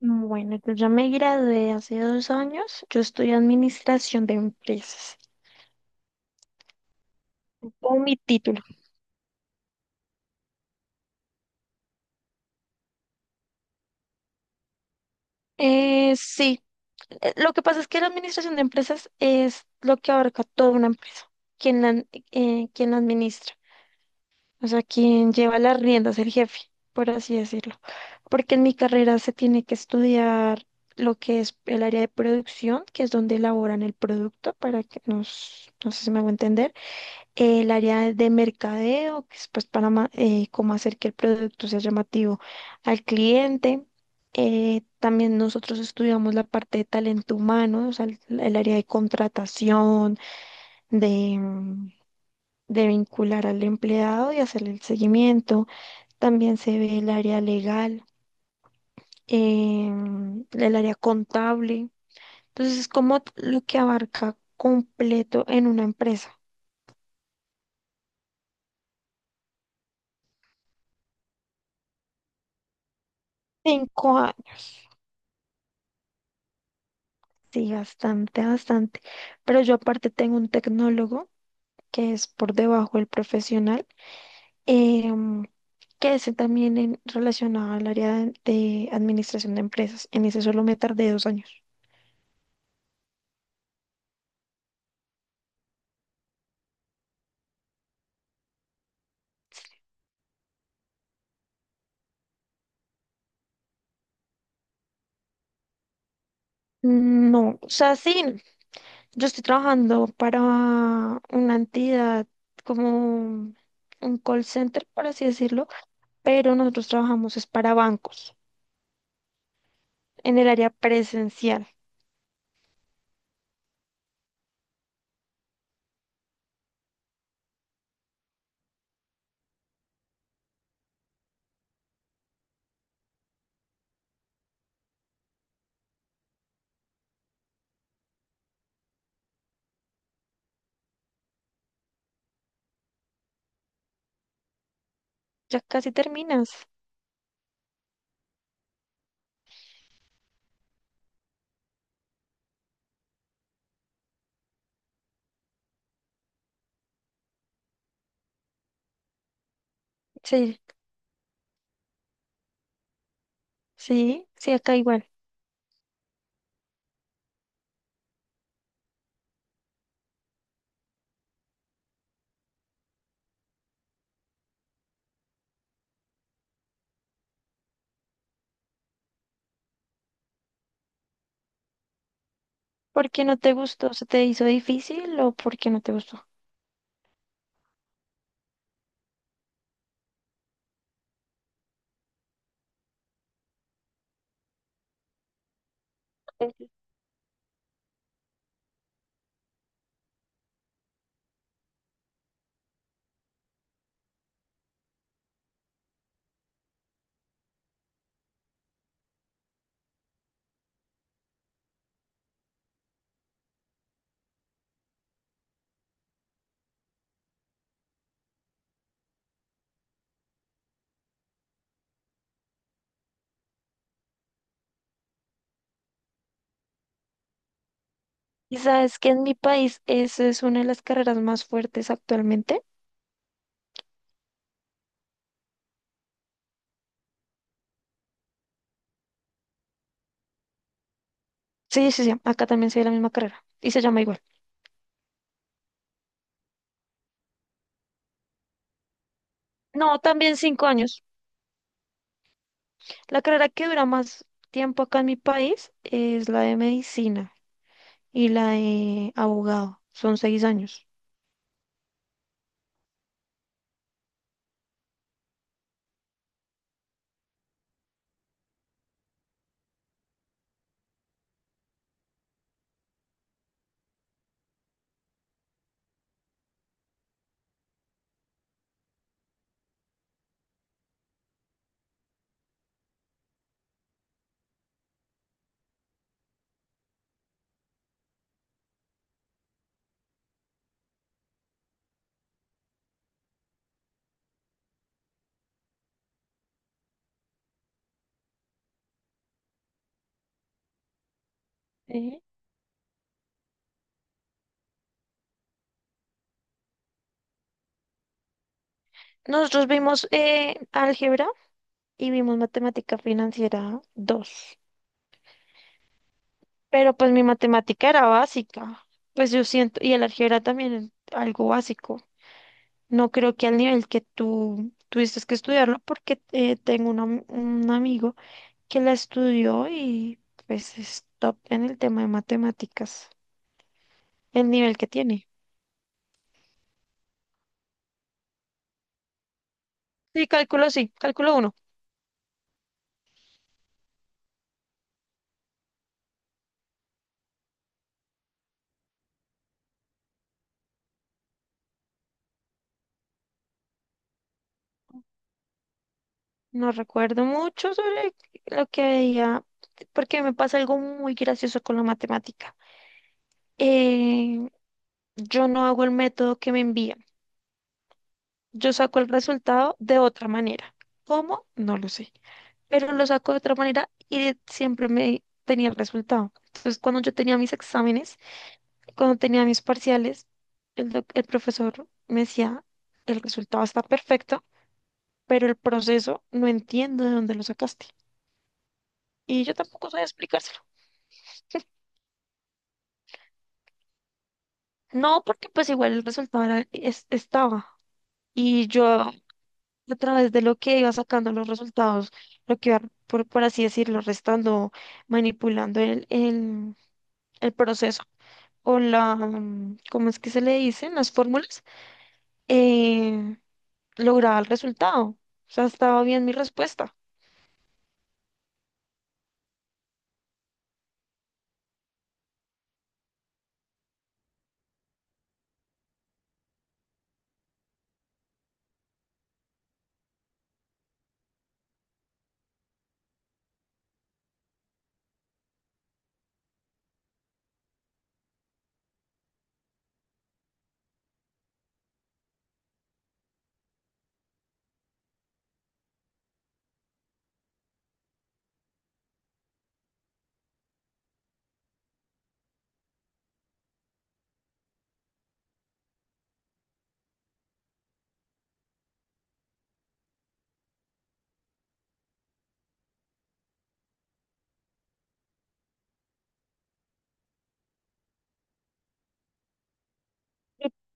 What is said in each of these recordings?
Bueno, entonces yo me gradué hace 2 años. Yo estudié administración de empresas. O mi título. Sí, lo que pasa es que la administración de empresas es lo que abarca toda una empresa. Quien la, quien la administra. O sea, quien lleva las riendas, el jefe, por así decirlo. Porque en mi carrera se tiene que estudiar lo que es el área de producción, que es donde elaboran el producto, para que nos, no sé si me hago entender el área de mercadeo, que es pues cómo hacer que el producto sea llamativo al cliente. También nosotros estudiamos la parte de talento humano, o sea, el área de contratación, de, mm, de vincular al empleado y hacerle el seguimiento. También se ve el área legal, el área contable. Entonces es como lo que abarca completo en una empresa. Cinco. Sí, bastante, bastante. Pero yo aparte tengo un tecnólogo que es por debajo del profesional, em, que es también en, relacionado al área de administración de empresas. En ese solo me tardé 2 años. No, o sea, sí, yo estoy trabajando para una entidad como un call center, por así decirlo, pero nosotros trabajamos es para bancos en el área presencial. Ya casi terminas. Sí, sí, sí, acá igual. ¿Por qué no te gustó? ¿Se te hizo difícil o por qué no te gustó? Y sabes que en mi país eso es una de las carreras más fuertes actualmente. Sí, sí, sí, acá también se ve la misma carrera y se llama igual. No, también 5 años. La carrera que dura más tiempo acá en mi país es la de medicina y la de abogado. Son 6 años. Sí. Nosotros vimos álgebra y vimos matemática financiera dos. Pero pues mi matemática era básica. Pues yo siento, y el álgebra también es algo básico. No creo que al nivel que tú tuviste que estudiarlo, porque tengo un amigo que la estudió y pues es top en el tema de matemáticas, el nivel que tiene. Sí, cálculo uno. No recuerdo mucho sobre lo que veía, porque me pasa algo muy gracioso con la matemática. Eh, yo no hago el método que me envían. Yo saco el resultado de otra manera. ¿Cómo? No lo sé. Pero lo saco de otra manera y siempre me tenía el resultado. Entonces, cuando yo tenía mis exámenes, cuando tenía mis parciales, el profesor me decía, el resultado está perfecto, pero el proceso no entiendo de dónde lo sacaste. Y yo tampoco sabía explicárselo. No, porque pues igual el resultado estaba. Y yo a través de lo que iba sacando los resultados, lo que iba, por así decirlo, restando, manipulando el proceso o ¿cómo es que se le dicen? Las fórmulas, eh, lograba el resultado. O sea, estaba bien mi respuesta.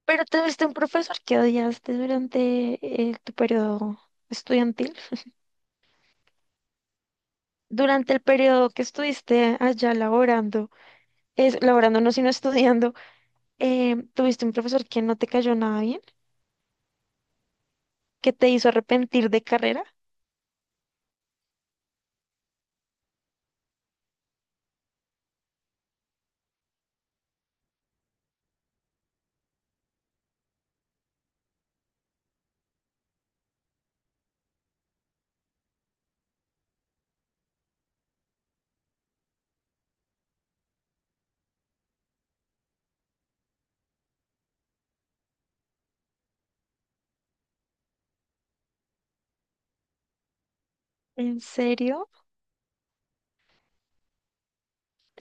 Pero tuviste un profesor que odiaste durante tu periodo estudiantil. Durante el periodo que estuviste allá laborando, laborando no, sino estudiando, tuviste un profesor que no te cayó nada bien. ¿Que te hizo arrepentir de carrera? ¿En serio?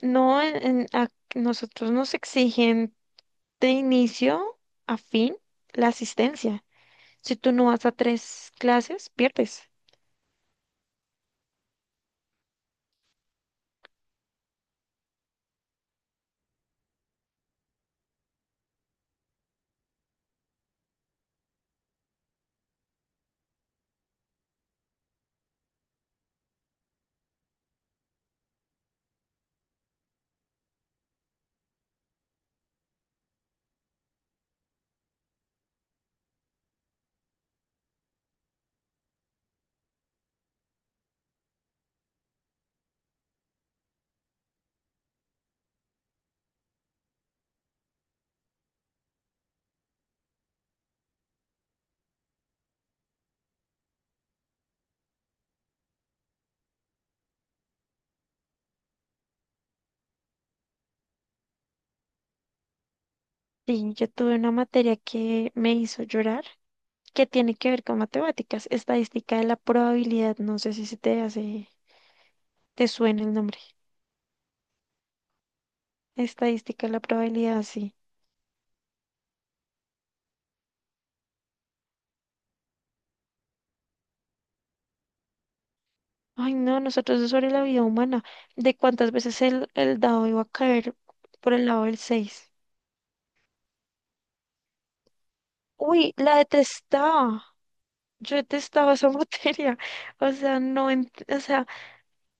No, a nosotros nos exigen de inicio a fin la asistencia. Si tú no vas a tres clases, pierdes. Sí, yo tuve una materia que me hizo llorar, que tiene que ver con matemáticas, estadística de la probabilidad. No sé si se te hace, te suena el nombre. Estadística de la probabilidad, sí. Ay, no, nosotros es sobre la vida humana, de cuántas veces el dado iba a caer por el lado del 6. Uy, la detestaba. Yo detestaba esa materia. O sea, no, o sea,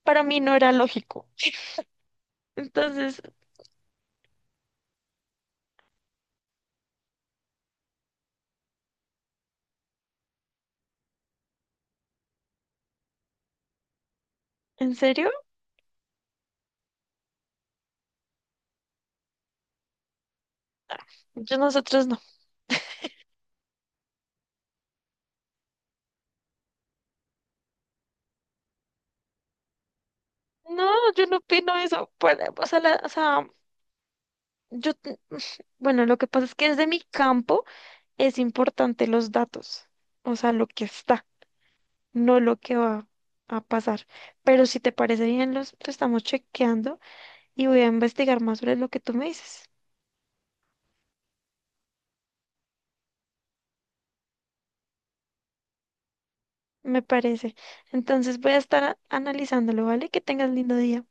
para mí no era lógico. Entonces, ¿en serio? Yo nosotros no. No, yo no opino eso. O sea, o sea, yo, bueno, lo que pasa es que desde mi campo es importante los datos. O sea, lo que está, no lo que va a pasar. Pero si te parece bien, los estamos chequeando y voy a investigar más sobre lo que tú me dices. Me parece. Entonces voy a estar analizándolo, ¿vale? Que tengas lindo día.